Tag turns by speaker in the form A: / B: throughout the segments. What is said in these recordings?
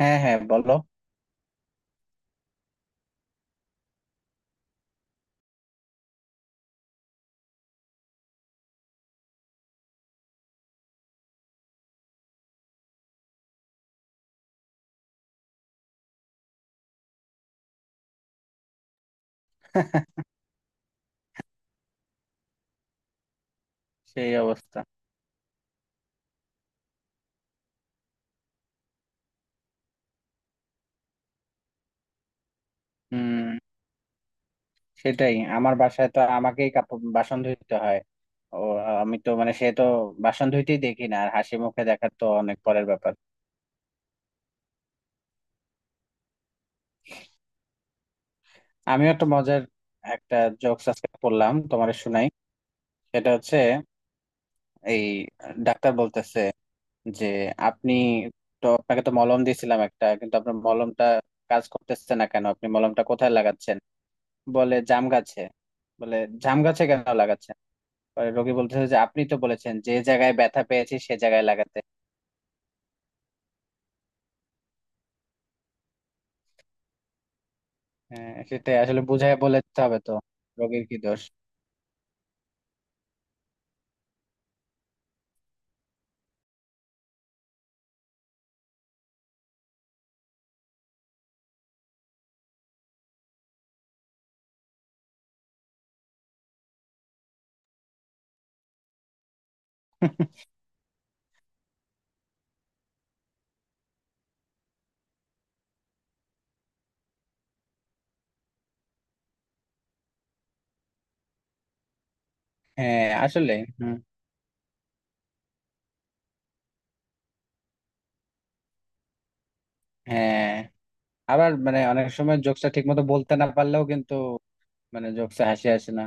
A: হ্যাঁ হ্যাঁ বলো। সেই অবস্থা। হুম। সেটাই, আমার বাসায় তো আমাকেই কাপড় বাসন ধুইতে হয়। ও, আমি তো মানে সে তো বাসন ধুইতেই দেখি না, আর হাসি মুখে দেখা তো অনেক পরের ব্যাপার। আমিও একটা মজার একটা জোকস আজকে পড়লাম, তোমার শুনাই। সেটা হচ্ছে এই, ডাক্তার বলতেছে যে আপনি, তো আপনাকে তো মলম দিয়েছিলাম একটা, কিন্তু আপনার মলমটা কাজ করতেছে না কেন? আপনি মলমটা কোথায় লাগাচ্ছেন? বলে জাম গাছে। বলে জাম গাছে কেন লাগাচ্ছেন? পরে রোগী বলতেছে যে আপনি তো বলেছেন যে জায়গায় ব্যথা পেয়েছি সে জায়গায় লাগাতে। হ্যাঁ সেটাই, আসলে বুঝায় বলে দিতে হবে তো, রোগীর কি দোষ? হ্যাঁ আসলে। হুম, হ্যাঁ। আবার মানে অনেক সময় জোকসটা ঠিক মতো বলতে না পারলেও কিন্তু মানে জোকসে হাসি আসে না।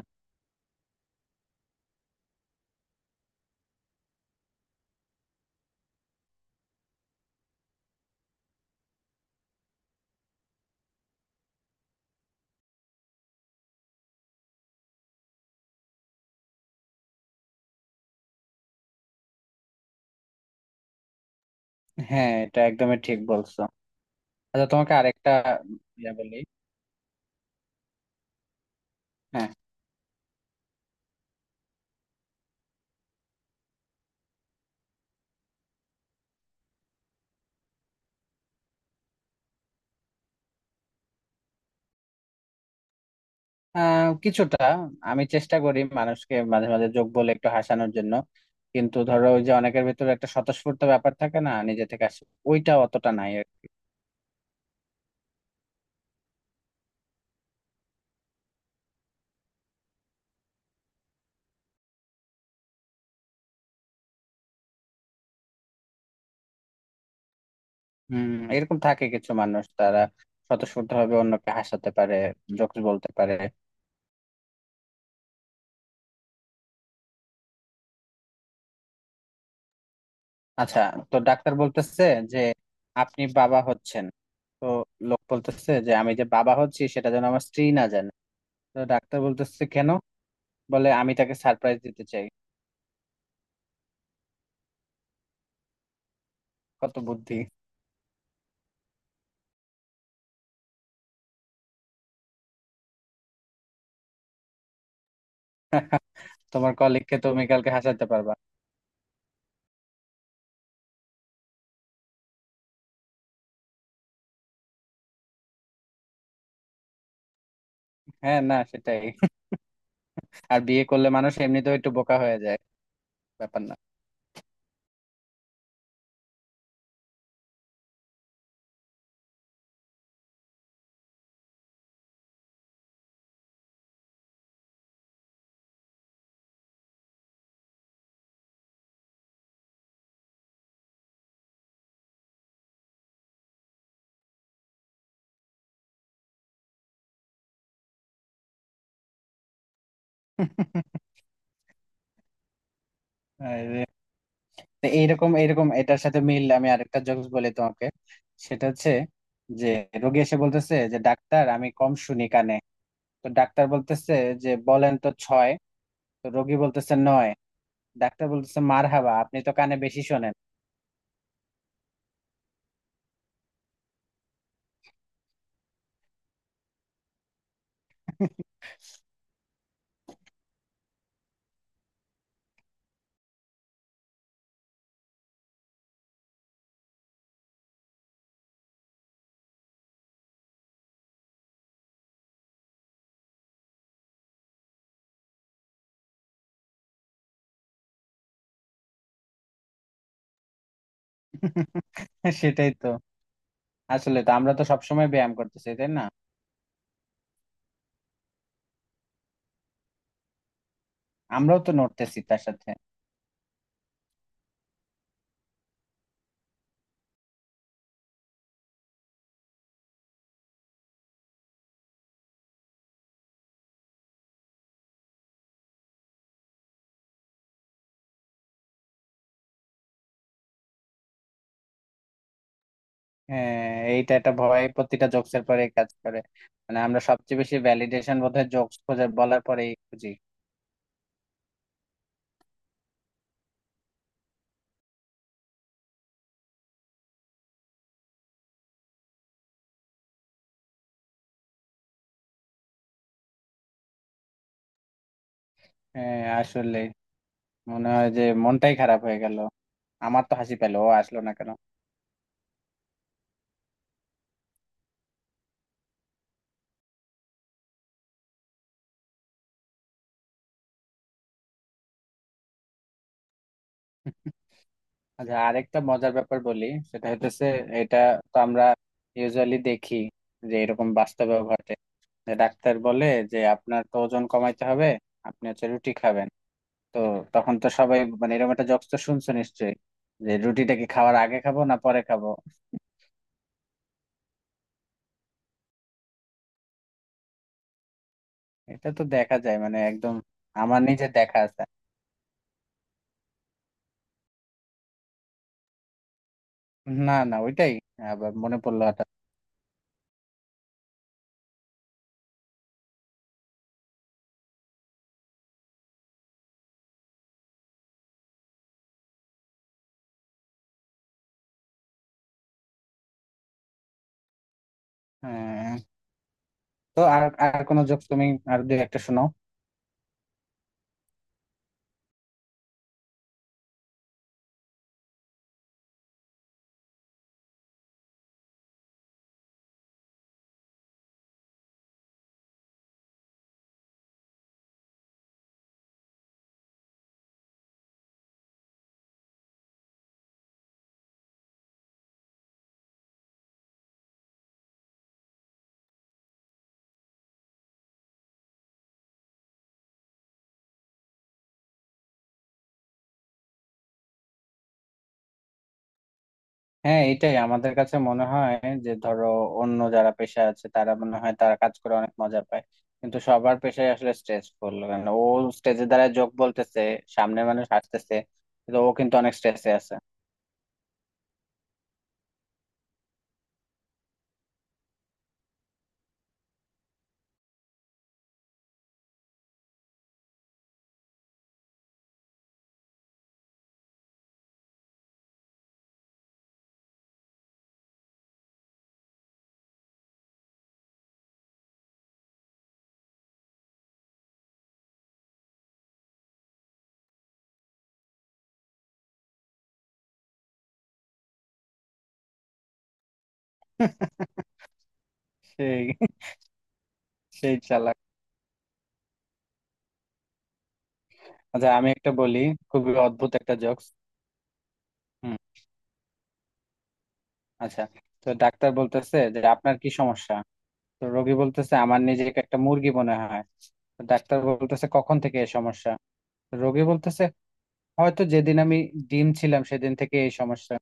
A: হ্যাঁ এটা একদমই ঠিক বলছো। আচ্ছা তোমাকে আরেকটা ইয়া বলি। হ্যাঁ। কিছুটা। আমি চেষ্টা করি মানুষকে মাঝে মাঝে জোক বলে একটু হাসানোর জন্য, কিন্তু ধরো ওই যে অনেকের ভিতরে একটা স্বতঃস্ফূর্ত ব্যাপার থাকে না, নিজে থেকে আসে, ওইটা অতটা নাই। হম, এরকম থাকে কিছু মানুষ, তারা স্বতঃস্ফূর্ত ভাবে অন্যকে হাসাতে পারে, জোকস বলতে পারে। আচ্ছা, তো ডাক্তার বলতেছে যে আপনি বাবা হচ্ছেন। তো লোক বলতেছে যে আমি যে বাবা হচ্ছি সেটা যেন আমার স্ত্রী না জানে। তো ডাক্তার বলতেছে কেন? বলে আমি তাকে সারপ্রাইজ দিতে চাই। কত বুদ্ধি! তোমার কলিগকে তুমি কালকে হাসাতে পারবা। হ্যাঁ না সেটাই। আর বিয়ে করলে মানুষ এমনিতেও একটু বোকা হয়ে যায়, ব্যাপার না। আরে, তো এইরকম এইরকম এটার সাথে মিল আমি আরেকটা জোকস বলি তোমাকে। সেটা হচ্ছে যে রোগী এসে বলতেছে যে ডাক্তার আমি কম শুনি কানে। তো ডাক্তার বলতেছে যে বলেন তো ছয়। তো রোগী বলতেছে নয়। ডাক্তার বলতেছে মারহাবা, আপনি তো কানে বেশি শোনেন। সেটাই তো, আসলে তো আমরা তো সবসময় ব্যায়াম করতেছি, তাই না? আমরাও তো নড়তেছি তার সাথে। হ্যাঁ, এইটা একটা ভয় প্রতিটা জোকস এর পরে কাজ করে। মানে আমরা সবচেয়ে বেশি ভ্যালিডেশন বোধহয় জোকস খোঁজার বলার পরেই খুঁজি। হ্যাঁ আসলে মনে হয় যে মনটাই খারাপ হয়ে গেল, আমার তো হাসি পেলো, ও আসলো না কেন? আচ্ছা আরেকটা মজার ব্যাপার বলি। সেটা হইতেছে এটা, তো আমরা ইউজুয়ালি দেখি যে এরকম বাস্তবেও ঘটে, যে ডাক্তার বলে যে আপনার তো ওজন কমাইতে হবে, আপনি হচ্ছে রুটি খাবেন। তো তখন তো সবাই মানে এরকম একটা জোকস তো শুনছো নিশ্চয়ই, যে রুটিটা কি খাওয়ার আগে খাবো না পরে খাবো। এটা তো দেখা যায় মানে একদম, আমার নিজের দেখা আছে। না না ওইটাই, আবার মনে পড়লো হঠাৎ। হ্যাঁ, তো আর আর কোনো জোক তুমি আর দুই একটা শোনাও। হ্যাঁ এটাই আমাদের কাছে মনে হয়, যে ধরো অন্য যারা পেশা আছে তারা মনে হয় তারা কাজ করে অনেক মজা পায়, কিন্তু সবার পেশায় আসলে স্ট্রেসফুল। কারণ ও স্টেজে দ্বারা জোক বলতেছে, সামনের মানুষ হাসতেছে, কিন্তু ও কিন্তু অনেক স্ট্রেসে আছে। সেই সেই চালাক। আচ্ছা আমি একটা বলি, খুবই অদ্ভুত একটা জোকস। হুম। আচ্ছা, তো ডাক্তার বলতেছে যে আপনার কি সমস্যা। তো রোগী বলতেছে আমার নিজেকে একটা মুরগি মনে হয়। তো ডাক্তার বলতেছে কখন থেকে এই সমস্যা। রোগী বলতেছে হয়তো যেদিন আমি ডিম ছিলাম সেদিন থেকে এই সমস্যা।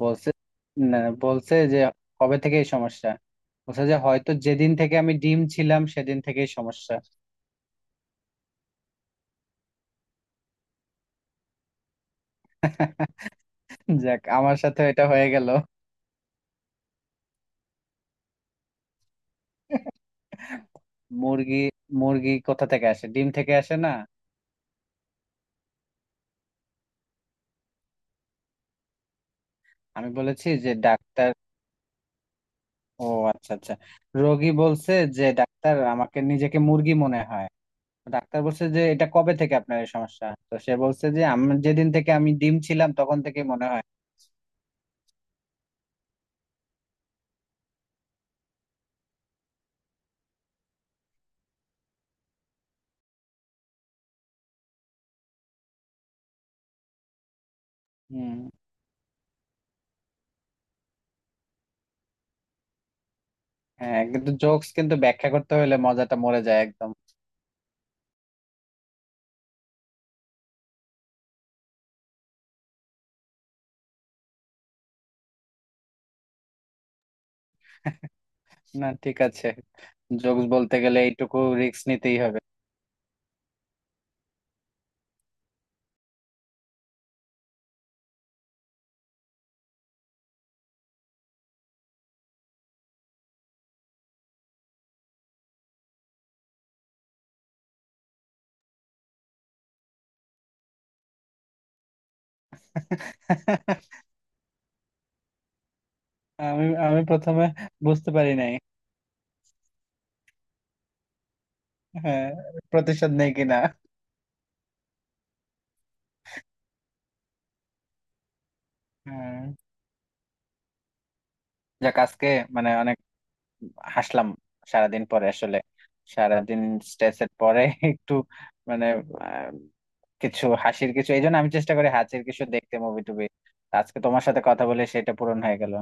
A: বলছে, না, বলছে যে কবে থেকে এই সমস্যা। বলছে যে হয়তো যেদিন থেকে আমি ডিম ছিলাম সেদিন থেকেই সমস্যা। যাক, আমার সাথে এটা হয়ে গেল। মুরগি, মুরগি কোথা থেকে আসে? ডিম থেকে আসে না? আমি বলেছি যে ডাক্তার, ও আচ্ছা আচ্ছা, রোগী বলছে যে ডাক্তার আমাকে নিজেকে মুরগি মনে হয়। ডাক্তার বলছে যে এটা কবে থেকে আপনার এই সমস্যা, তো সে বলছে যে আমি যেদিন থেকে আমি ডিম ছিলাম তখন থেকে মনে হয়। হুম। হ্যাঁ, কিন্তু জোকস কিন্তু ব্যাখ্যা করতে হলে মজাটা মরে যায় একদম। না ঠিক আছে, জোকস বলতে গেলে এইটুকু রিস্ক নিতেই হবে। আমি আমি প্রথমে বুঝতে পারি নাই। হ্যাঁ, প্রতিশোধ নেই কিনা। হ্যাঁ, যাক আজকে মানে অনেক হাসলাম। সারাদিন পরে আসলে, সারাদিন স্ট্রেসের পরে একটু মানে আহ, কিছু হাসির কিছু, এই জন্য আমি চেষ্টা করি হাসির কিছু দেখতে, মুভি টুবি। আজকে তোমার সাথে কথা বলে সেটা পূরণ হয়ে গেল।